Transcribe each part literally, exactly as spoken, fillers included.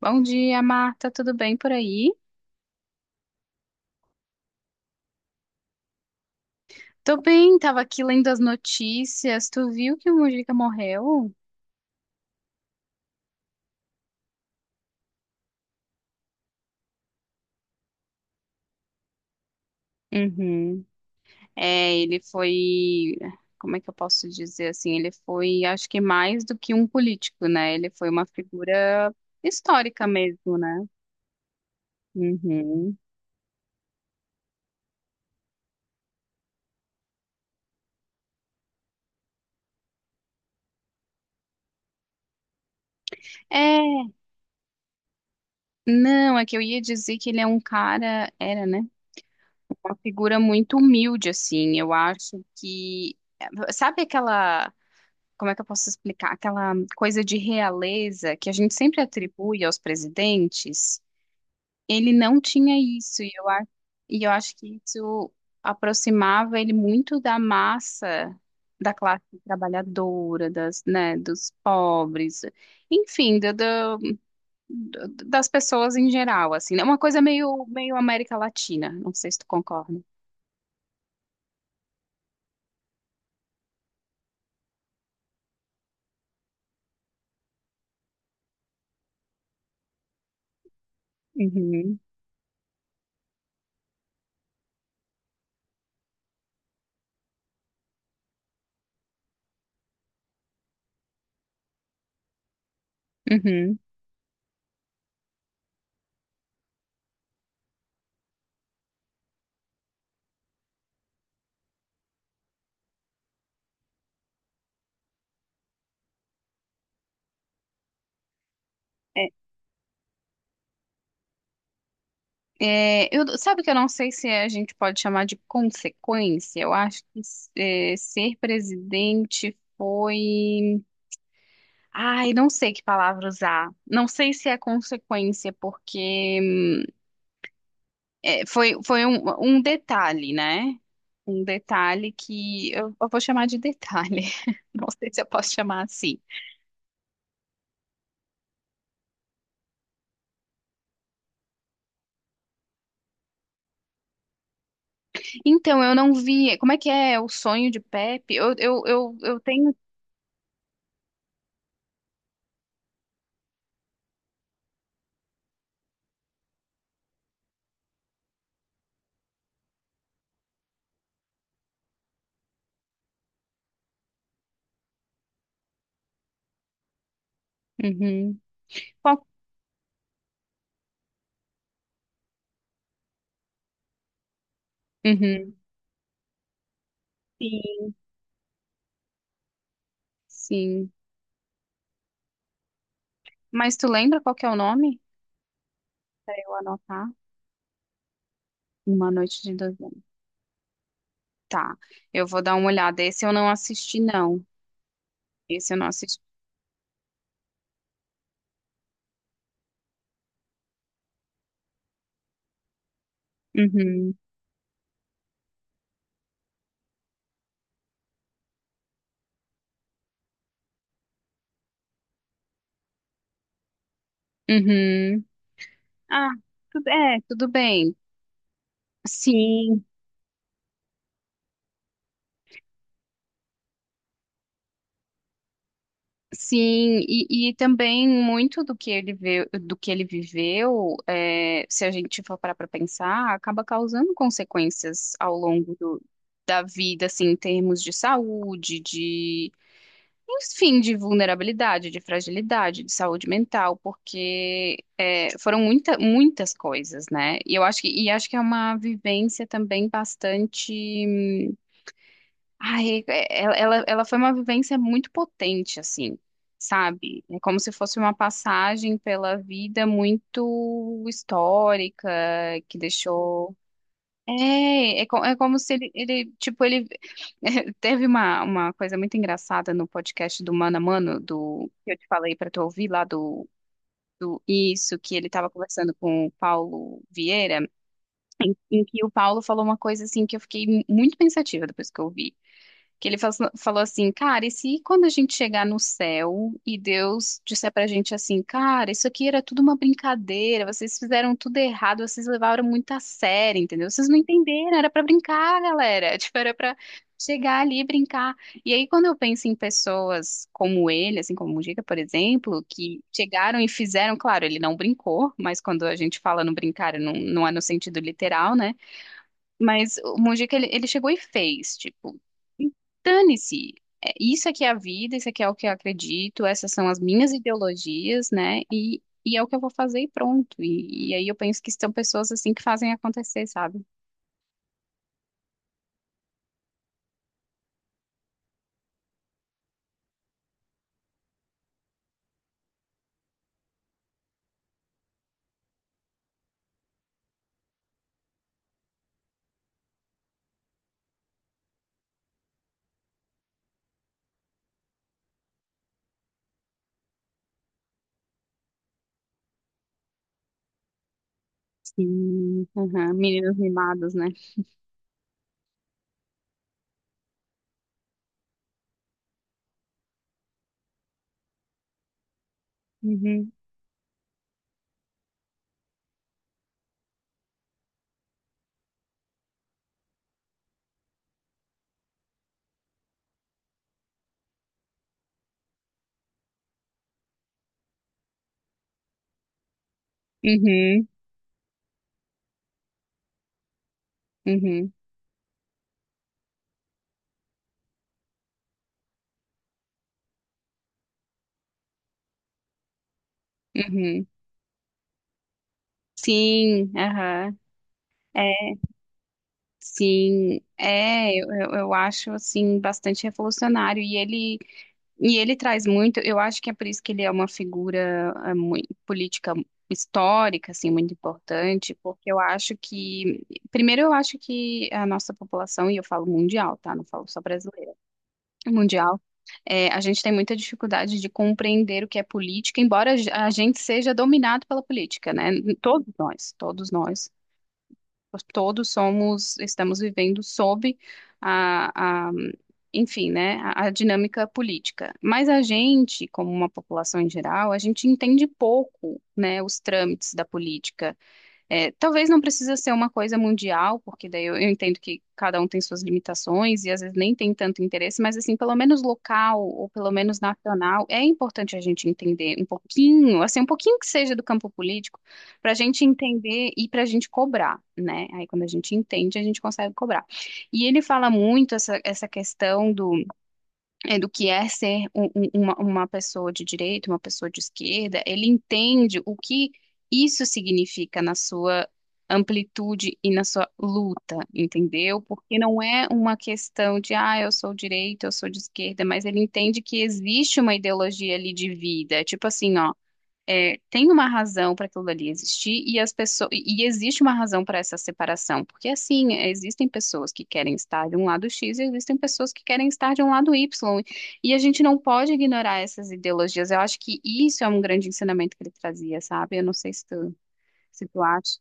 Bom dia, Marta. Tudo bem por aí? Tô bem, tava aqui lendo as notícias. Tu viu que o Mujica morreu? Uhum. É, ele foi, como é que eu posso dizer assim? Ele foi, acho que mais do que um político, né? Ele foi uma figura histórica mesmo, né? Uhum. É, não, é que eu ia dizer que ele é um cara, era, né? Uma figura muito humilde, assim. Eu acho que, sabe aquela como é que eu posso explicar? Aquela coisa de realeza que a gente sempre atribui aos presidentes, ele não tinha isso, e eu, a- e eu acho que isso aproximava ele muito da massa da classe trabalhadora, das, né, dos pobres, enfim, do, do- do- das pessoas em geral, assim, né? Uma coisa meio, meio América Latina, não sei se tu concorda. Uhum, uhum. É, eu, sabe que eu não sei se a gente pode chamar de consequência. Eu acho que é, ser presidente foi. Ai, não sei que palavra usar. Não sei se é consequência, porque é, foi, foi um, um detalhe, né? Um detalhe que eu, eu vou chamar de detalhe. Não sei se eu posso chamar assim. Então, eu não vi. Como é que é o sonho de Pepe? Eu, eu, eu, eu tenho. Uhum. Qual- Uhum. Sim, sim. Mas tu lembra qual que é o nome? Pra eu anotar. Uma Noite de Dezembro. Tá, eu vou dar uma olhada. Esse eu não assisti, não. Esse eu não assisti. Uhum, uhum. Ah, tudo, é, tudo bem. Sim, sim. E, e também muito do que ele vê, do que ele viveu, é, se a gente for parar para pensar, acaba causando consequências ao longo do, da vida, assim, em termos de saúde, de Enfim, de vulnerabilidade, de fragilidade, de saúde mental, porque é, foram muita, muitas coisas, né? E eu acho que, e acho que é uma vivência também bastante. hum, Ai, é- ela, ela ela foi uma vivência muito potente, assim, sabe? É como se fosse uma passagem pela vida muito histórica, que deixou é, é, co- é como se ele, ele, tipo, ele teve uma, uma coisa muito engraçada no podcast do Mano a Mano, do que eu te falei para tu ouvir lá do, do isso, que ele estava conversando com o Paulo Vieira, em que o Paulo falou uma coisa assim que eu fiquei mu- muito pensativa depois que eu ouvi que ele faz- falou assim, cara, e se quando a gente chegar no céu e Deus disser pra gente assim, cara, isso aqui era tudo uma brincadeira, vocês fizeram tudo errado, vocês levaram muito a sério, entendeu? Vocês não entenderam, era pra brincar, galera, tipo, era pra chegar ali e brincar. E aí quando eu penso em pessoas como ele, assim como o Mujica, por exemplo, que chegaram e fizeram, claro, ele não brincou, mas quando a gente fala no brincar, não, não é no sentido literal, né? Mas o Mujica, ele, ele chegou e fez, tipo, dane-se. É, isso aqui é a vida, isso aqui é o que eu acredito, essas são as minhas ideologias, né? E, e é o que eu vou fazer e pronto. E, e aí eu penso que são pessoas assim que fazem acontecer, sabe? Sim, aham, meninos mimados, né? Uhum, uhum, uhum, uhum. Sim, aham. É, sim, é, eu, eu eu acho assim bastante revolucionário. E ele E ele traz muito, eu acho que é por isso que ele é uma figura é, mui- política histórica, assim, muito importante, porque eu acho que, primeiro eu acho que a nossa população, e eu falo mundial, tá? Não falo só brasileira, mundial, é, a gente tem muita dificuldade de compreender o que é política, embora a gente seja dominado pela política, né? Todos nós, todos nós todos somos, estamos vivendo sob a, a, enfim, né, a, a dinâmica política. Mas a gente, como uma população em geral, a gente entende pouco, né, os trâmites da política. É, talvez não precisa ser uma coisa mundial, porque daí eu, eu entendo que cada um tem suas limitações e às vezes nem tem tanto interesse, mas assim, pelo menos local ou pelo menos nacional, é importante a gente entender um pouquinho, assim, um pouquinho que seja do campo político, para a gente entender e para a gente cobrar, né? Aí quando a gente entende, a gente consegue cobrar. E ele fala muito essa, essa questão do é, do que é ser um- um- uma, uma pessoa de direita, uma pessoa de esquerda, ele entende o que isso significa na sua amplitude e na sua luta, entendeu? Porque não é uma questão de, ah, eu sou direita, eu sou de esquerda, mas ele entende que existe uma ideologia ali de vida, tipo assim, ó é, tem uma razão para aquilo dali existir e as pessoas e e existe uma razão para essa separação, porque assim, é, existem pessoas que querem estar de um lado X e existem pessoas que querem estar de um lado Y, e a gente não pode ignorar essas ideologias. Eu acho que isso é um grande ensinamento que ele trazia, sabe? Eu não sei se tu, se tu acha.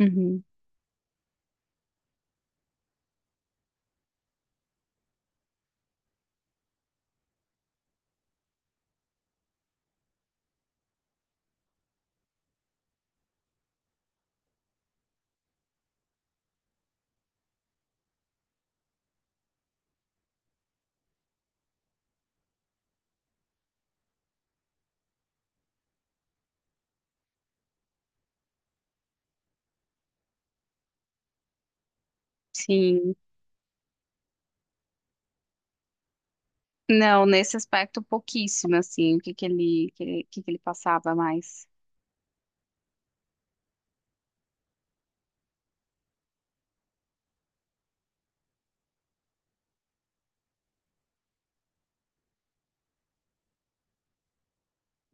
Uhum. Sim. Não, nesse aspecto pouquíssimo, assim, o que que ele, que ele, que que ele passava mais.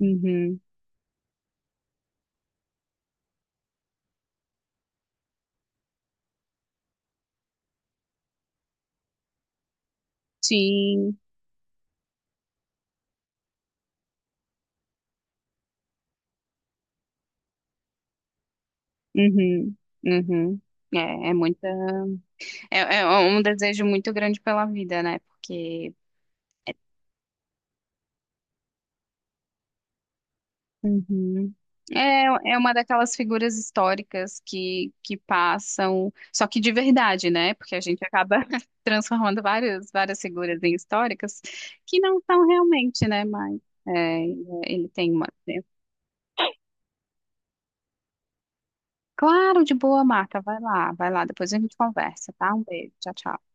Uhum. Sim. Uhum. Uhum. É, é muito. É, é um desejo muito grande pela vida, né? Porque Uhum. é, é uma daquelas figuras históricas que, que passam, só que de verdade, né? Porque a gente acaba transformando várias, várias figuras em históricas que não são realmente, né? Mas é, é, ele tem uma. Claro, de boa, Marta. Vai lá, vai lá. Depois a gente conversa, tá? Um beijo. Tchau, tchau.